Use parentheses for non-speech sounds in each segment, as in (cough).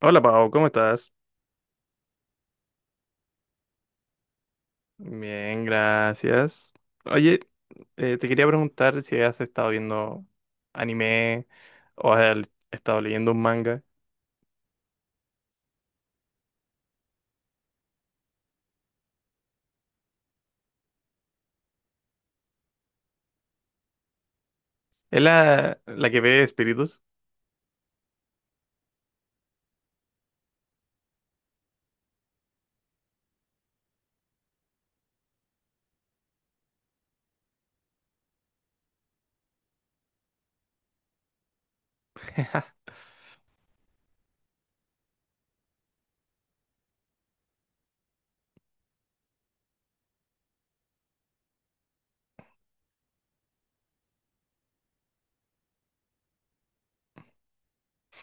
Hola Pau, ¿cómo estás? Bien, gracias. Oye, te quería preguntar si has estado viendo anime o has estado leyendo un manga. ¿Es la que ve espíritus?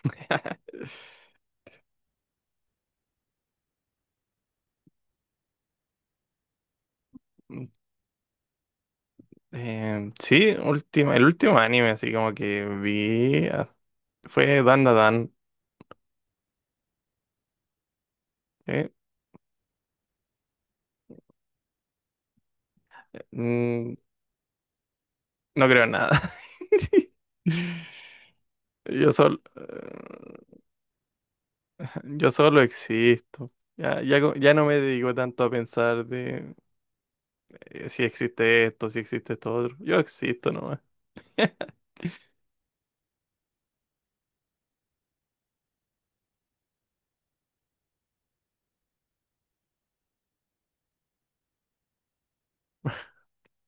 (laughs) Sí, el último anime así como que vi, fue Dan Da Dan. ¿Eh? Mm, no creo en nada. (laughs) Yo solo, yo solo existo. Ya no me dedico tanto a pensar de si existe esto, si existe esto otro. Yo existo nomás.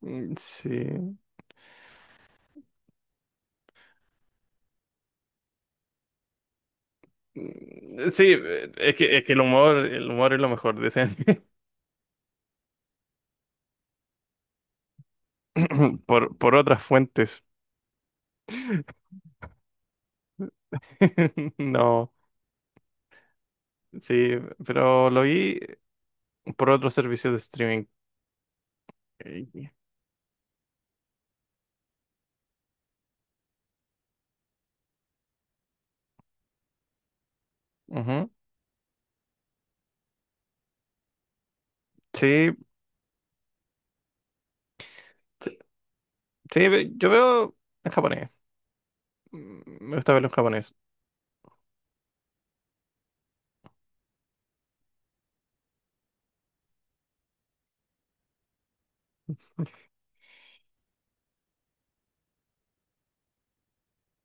Mm. Sí. Mm. Sí, es que el el humor es lo mejor, decían. (coughs) (clears throat) Por otras fuentes. (laughs) No, sí, pero lo vi por otros servicios de streaming. Eh, ujú. Sí, sí, yo veo en japonés. Mm. Me gusta verlo en japonés.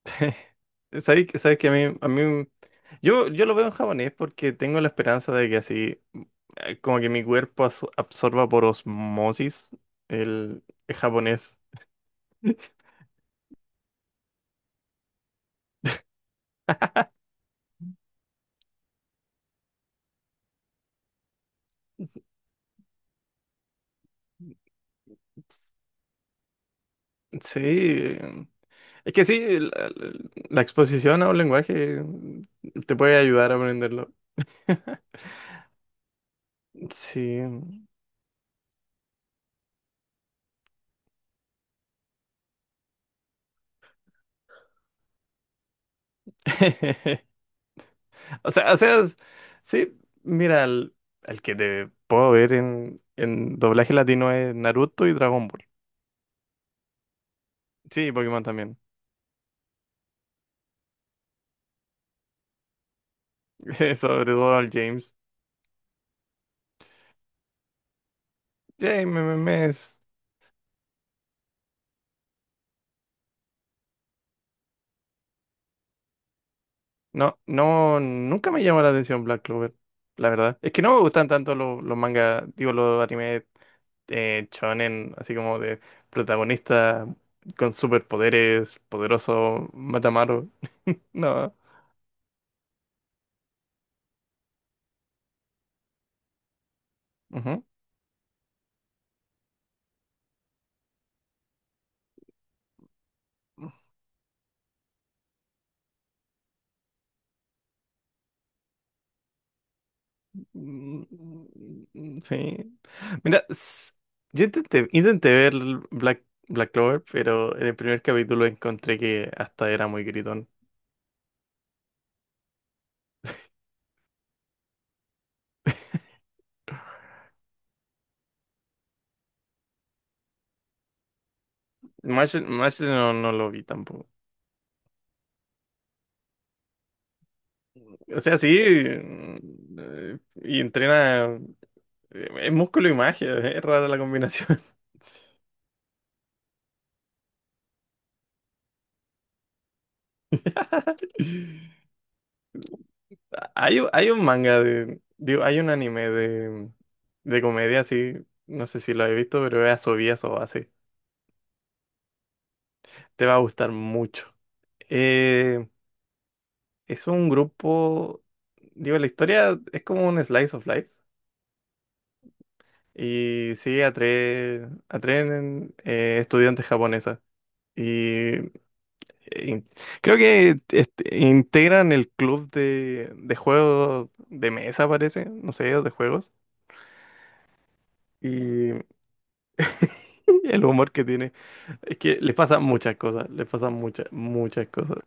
(laughs) ¿ Sabes que a mí, yo lo veo en japonés porque tengo la esperanza de que así, como que mi cuerpo absorba por osmosis el, el japonés. (laughs) Sí, es que sí, la exposición a un lenguaje, te puede ayudar a aprenderlo. Sí. (laughs) O sea, sí, mira, el que te puedo ver en doblaje latino es Naruto y Dragon Ball. Sí, y Pokémon también. (laughs) Sobre Donald James. James me- me es- No, no, nunca me llamó la atención Black Clover, la verdad. Es que no me gustan tanto los mangas, digo, los animes shonen, así como de protagonista con superpoderes, poderoso Matamaru. No. Ujú. Mm. Sí. Mira, yo intenté ver Black, Black Clover, pero en el primer capítulo encontré que hasta era muy gritón. Mash no lo vi tampoco. O sea, sí, y entrena es músculo y magia, (laughs) es rara la combinación. (laughs) Hay un manga de, digo, hay un anime de comedia, sí, no sé si lo he visto, pero es Asobias o así. Te va a gustar mucho. Eh, es un grupo, digo, la historia es como un slice of life y sigue a a tres estudiantes japonesas. Y in- Creo que este, integran el club de juegos de mesa, parece, no sé, o de juegos. Y (laughs) el humor que tiene. Es que les pasan muchas cosas, les pasan muchas cosas.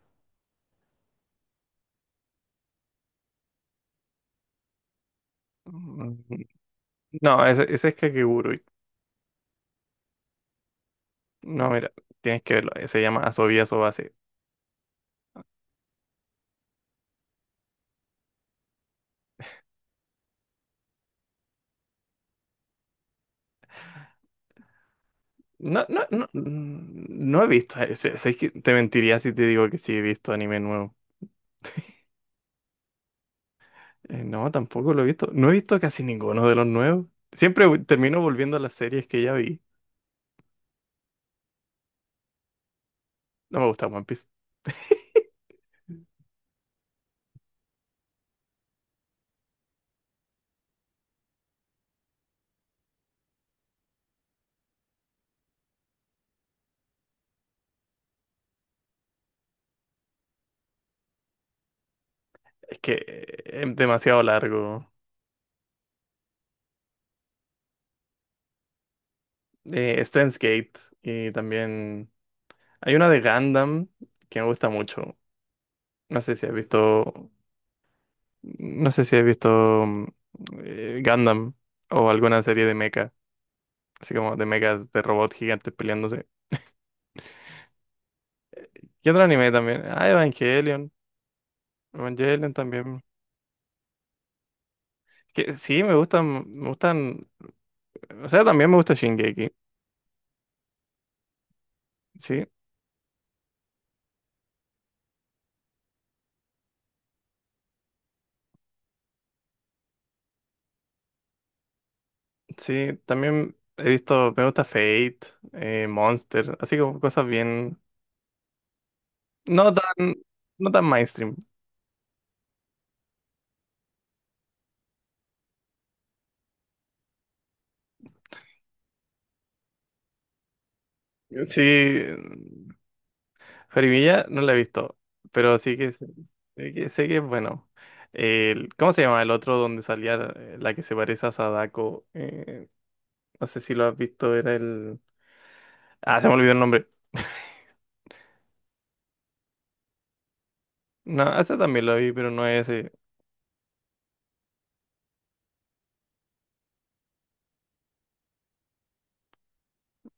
Mm. No, ese es Kakegurui. No, mira, tienes que verlo. Se llama Asobia Sobase. No, no, no, mm, no he visto ese. Ese que te mentiría si te digo que sí he visto anime nuevo. No, tampoco lo he visto. No he visto casi ninguno de los nuevos. Termino volviendo a las series que ya vi. No me gusta One Piece. Es que es demasiado largo. Steins Gate y también hay una de Gundam que me gusta mucho. No sé si has visto, no sé si has visto mm, Gundam o alguna serie de mecha, así como de mechas de robots gigantes peleándose. ¿Qué otro anime también? Ah, Evangelion. Evangelion también. Que sí, me gustan, me gustan. O sea, también me gusta Shingeki. Sí, sí, también he visto, me gusta Fate, Monster, así como cosas bien. No tan, no tan mainstream. Sí, Jorimilla no la he visto, pero sí que sé sé sé que es bueno. El- ¿cómo se llama el otro donde salía la que se parece a Sadako? No sé si lo has visto, era el. Ah, se me olvidó el nombre. No, ese también lo vi, pero no es ese.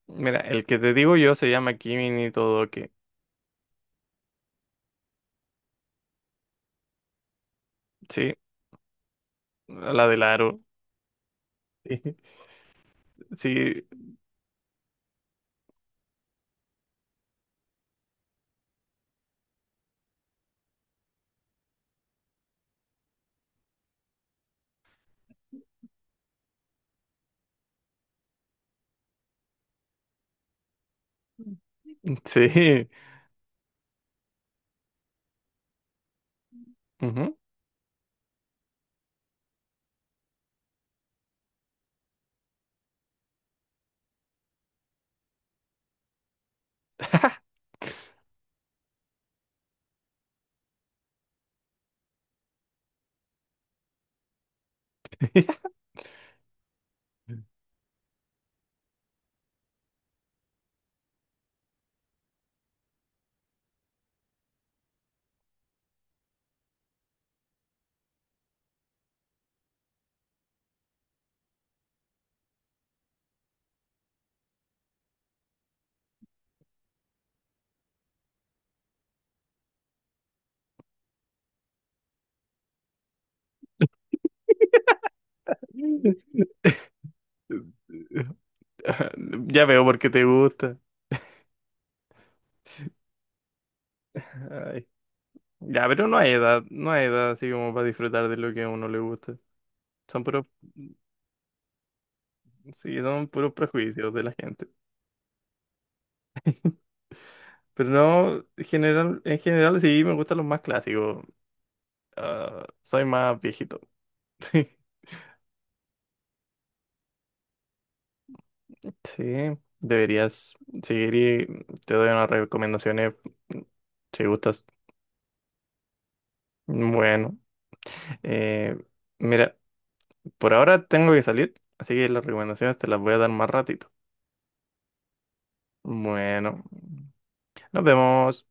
Mira, el que te digo yo se llama Kimi ni Todoke. Sí, la del aro. (laughs) Sí, sí. Ujú. (laughs) Ya veo por qué te gusta. Ay. Ya, pero no hay edad, no hay edad así como para disfrutar de lo que a uno le gusta. Son puros, sí, son puros prejuicios de la gente. Pero no, en general sí me gustan los más clásicos. Ah, soy más viejito. (laughs) Sí, deberías seguir y te doy unas recomendaciones si gustas. Bueno, eh, mira, por ahora tengo que salir, así que las recomendaciones te las voy a dar más ratito. Bueno, nos vemos.